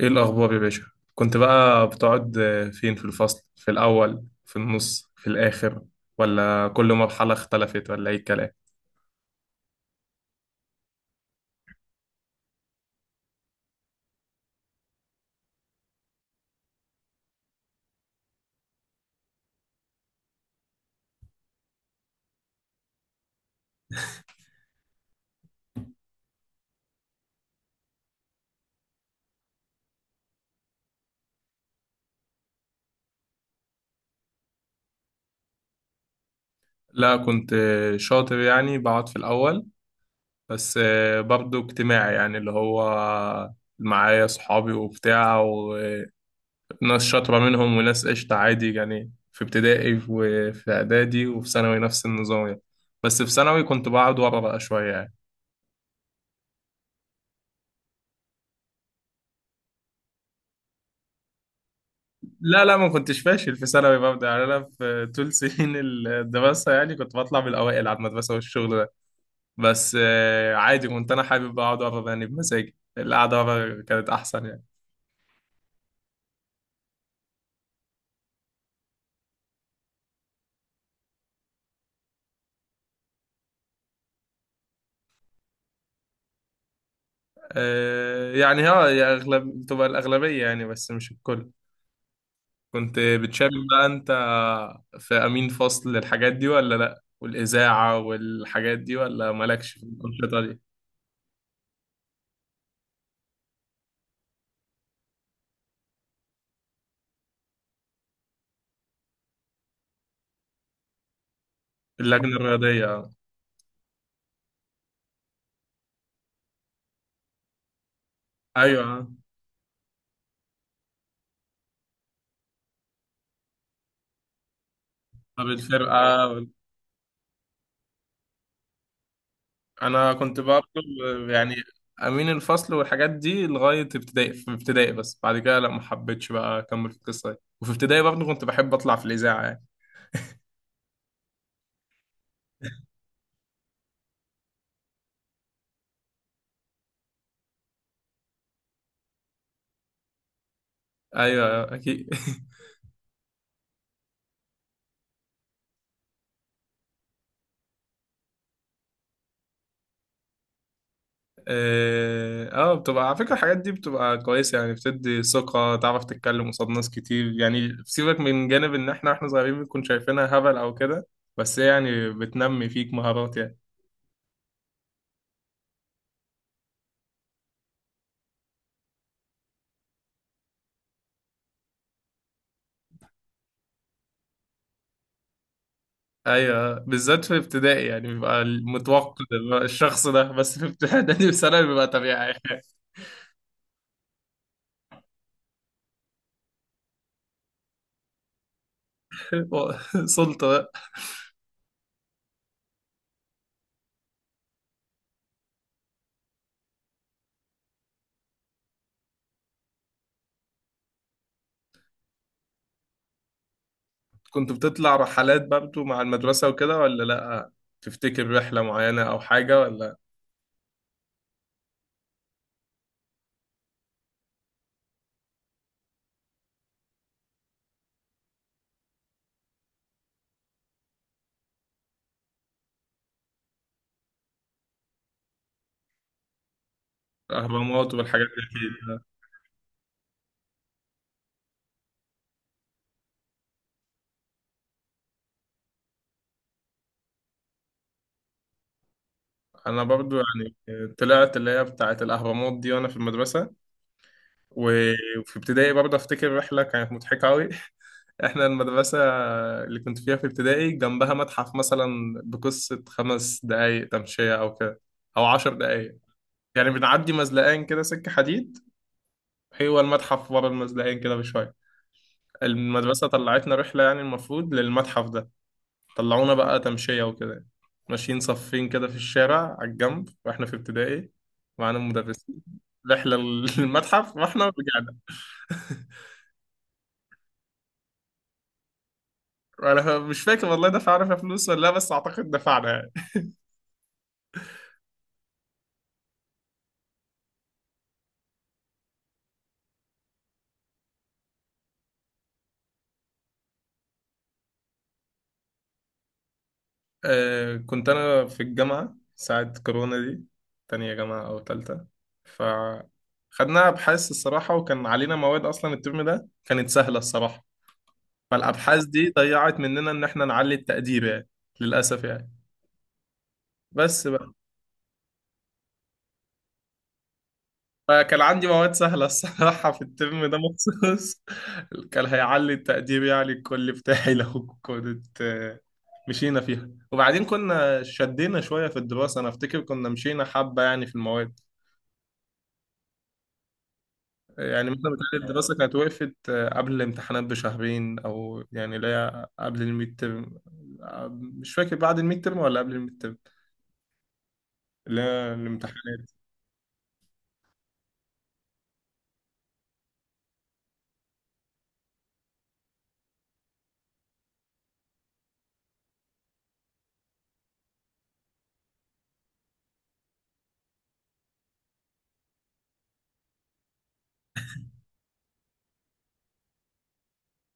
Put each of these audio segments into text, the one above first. ايه الاخبار يا باشا؟ كنت بقى بتقعد فين، في الفصل، في الاول في النص في الاخر، ولا كل مرحله اختلفت ولا ايه الكلام؟ لا، كنت شاطر يعني بقعد في الاول. بس برضو اجتماعي، يعني اللي هو معايا صحابي وبتاع وناس شاطره منهم وناس قشطه عادي، يعني في ابتدائي وفي اعدادي وفي ثانوي نفس النظام يعني. بس في ثانوي كنت بقعد ورا بقى شويه يعني. لا لا، ما كنتش فاشل في ثانوي، ببدأ يعني انا في طول سنين الدراسه يعني كنت بطلع من الاوائل على المدرسه والشغل ده. بس عادي، كنت انا حابب اقعد اقرا يعني بمزاجي، القعده ورا كانت احسن يعني. يعني اه يا اغلب تبقى الاغلبيه يعني، بس مش الكل. كنت بتشارك بقى انت في امين فصل الحاجات دي ولا لا، والاذاعه والحاجات دي، ولا مالكش في الانشطه دي؟ اللجنه الرياضيه آه. ايوه آه. طب الفرقه، انا كنت برضه يعني امين الفصل والحاجات دي لغايه ابتدائي، في ابتدائي بس، بعد كده لا، ما حبيتش بقى اكمل في القصه دي، وفي ابتدائي برضه كنت بحب اطلع في الاذاعه يعني. ايوه اكيد اه، بتبقى على فكره الحاجات دي بتبقى كويسه يعني، بتدي ثقه تعرف تتكلم قصاد ناس كتير يعني، سيبك من جانب ان احنا واحنا صغيرين بنكون شايفينها هبل او كده، بس هي يعني بتنمي فيك مهارات يعني. ايوه، بالذات في ابتدائي يعني بيبقى المتوقع بيبقى الشخص ده، بس في ابتدائي وثانوي بيبقى طبيعي. سلطة بقى. كنت بتطلع رحلات برضه مع المدرسة وكده ولا لأ؟ تفتكر رحلة معينة أو حاجة ولا؟ الأهرامات والحاجات دي أكيد. أنا برضه يعني طلعت اللي هي بتاعة الأهرامات دي وأنا في المدرسة. و- وفي ابتدائي برضه أفتكر رحلة كانت مضحكة أوي. احنا المدرسة اللي كنت فيها في ابتدائي جنبها متحف مثلا بقصة 5 دقايق تمشية أو كده، أو 10 دقايق. يعني بنعدي مزلقين كده سكة حديد، هو المتحف ورا المزلقين كده بشوية. المدرسة طلعتنا رحلة يعني المفروض للمتحف ده، طلعونا بقى تمشية وكده، ماشيين صفين كده في الشارع على الجنب واحنا في ابتدائي، معانا مدرسين. رحلة للمتحف واحنا رجعنا. انا مش فاكر والله دفعنا فيها فلوس ولا لا، بس اعتقد دفعنا يعني. آه، كنت أنا في الجامعة ساعة كورونا دي، تانية جامعة أو تالتة، فخدنا أبحاث الصراحة، وكان علينا مواد أصلا الترم ده كانت سهلة الصراحة، فالأبحاث دي ضيعت مننا إن إحنا نعلي التقدير يعني. للأسف يعني. بس بقى، فكان عندي مواد سهلة الصراحة في الترم ده مخصوص كان هيعلي التقدير يعني الكل بتاعي، لو كنت مشينا فيها وبعدين كنا شدينا شوية في الدراسة، أنا أفتكر كنا مشينا حبة يعني في المواد. يعني مثلا بتهيألي الدراسة كانت وقفت قبل الامتحانات بشهرين، أو يعني اللي هي قبل الميد ترم. مش فاكر بعد الميد ترم ولا قبل الميد ترم، اللي هي الامتحانات.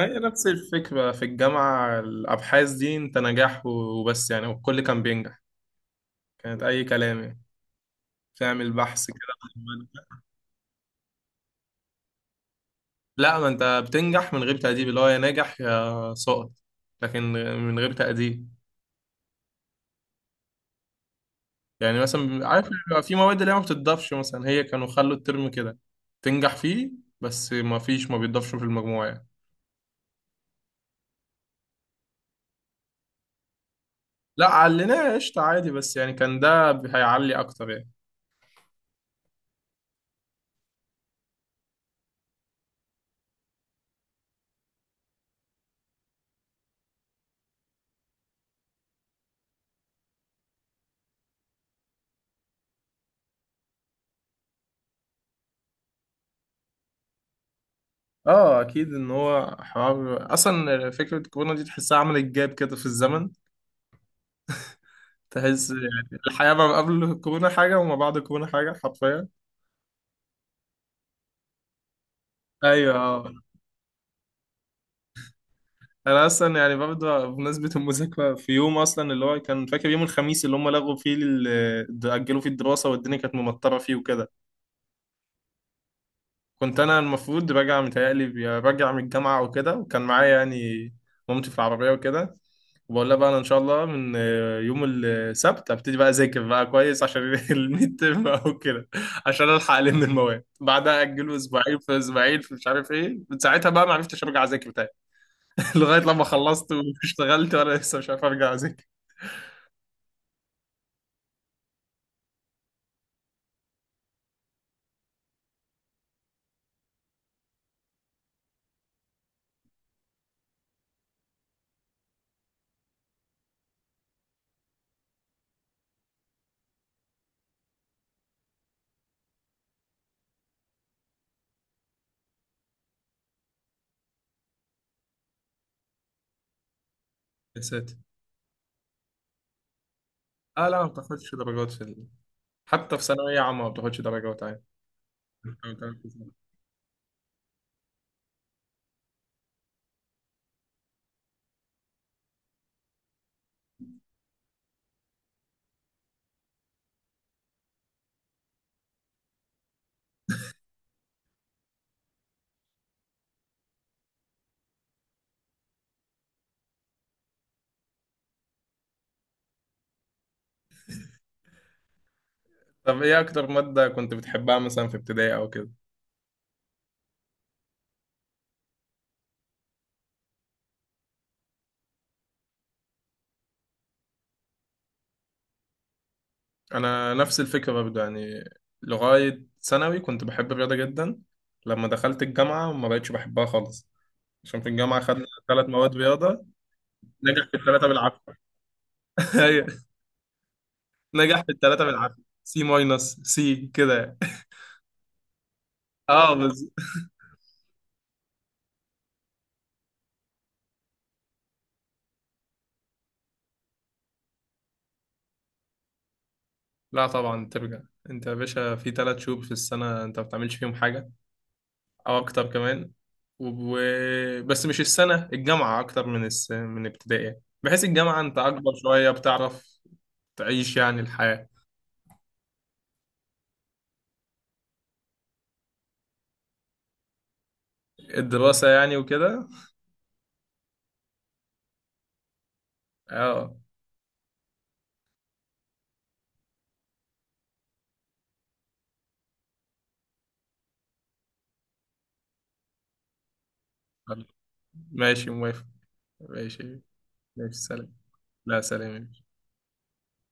هي نفس الفكرة في الجامعة، الأبحاث دي أنت نجاح وبس يعني، والكل كان بينجح. كانت أي كلام يعني، تعمل بحث كده عن المادة. لا، ما أنت بتنجح من غير تأديب، اللي هو يا ناجح يا سقط. لكن من غير تأديب. يعني مثلا عارف بيبقى في مواد اللي هي ما بتضافش، مثلا هي كانوا خلوا الترم كده تنجح فيه، بس ما فيش، ما بيضافش في المجموع يعني. لا، عليناه قشطة عادي، بس يعني كان ده هيعلي اكتر يعني. اه اكيد، ان هو حوار اصلا فكرة الكورونا دي تحسها عملت جاب كده في الزمن، تحس يعني الحياة ما قبل الكورونا حاجة وما بعد الكورونا حاجة، حرفيا. ايوه آه. انا اصلا يعني برضه بمناسبه المذاكره، في يوم اصلا اللي هو كان فاكر يوم الخميس اللي هم لغوا فيه اجلوا فيه الدراسه، والدنيا كانت ممطره فيه وكده. كنت انا المفروض راجع، متهيألي راجع من الجامعه وكده، وكان معايا يعني مامتي في العربيه وكده. وبقول لها بقى انا ان شاء الله من يوم السبت ابتدي بقى اذاكر بقى كويس عشان الميد ترم او كده، عشان الحق المواد. بعدها اجلوا اسبوعين في اسبوعين في مش عارف ايه، من ساعتها بقى ما عرفتش ارجع اذاكر تاني. لغايه لما خلصت واشتغلت وانا لسه مش عارف ارجع اذاكر. يا ساتر. اه لا، ما بتاخدش درجات حتى في ثانوية عامة ما بتاخدش درجات عادي. طب ايه اكتر مادة كنت بتحبها مثلا في ابتدائي او كده؟ انا نفس الفكرة برضه يعني، لغاية ثانوي كنت بحب الرياضة جدا. لما دخلت الجامعة ما بقتش بحبها خالص، عشان في الجامعة خدنا ثلاث مواد رياضة. نجح في الثلاثة بالعافية. ايوه، نجح في الثلاثة بالعافية سي ماينس سي كده يعني. اه بس. لا طبعا ترجع. انت يا باشا في 3 شهور في السنة انت ما بتعملش فيهم حاجة، او اكتر كمان. و... بس مش السنة الجامعة اكتر من من ابتدائي، بحيث الجامعة انت اكبر شوية بتعرف تعيش يعني الحياة. الدراسة يعني وكده. اه ماشي موافق، ماشي، ماشي سلام. لا سلام.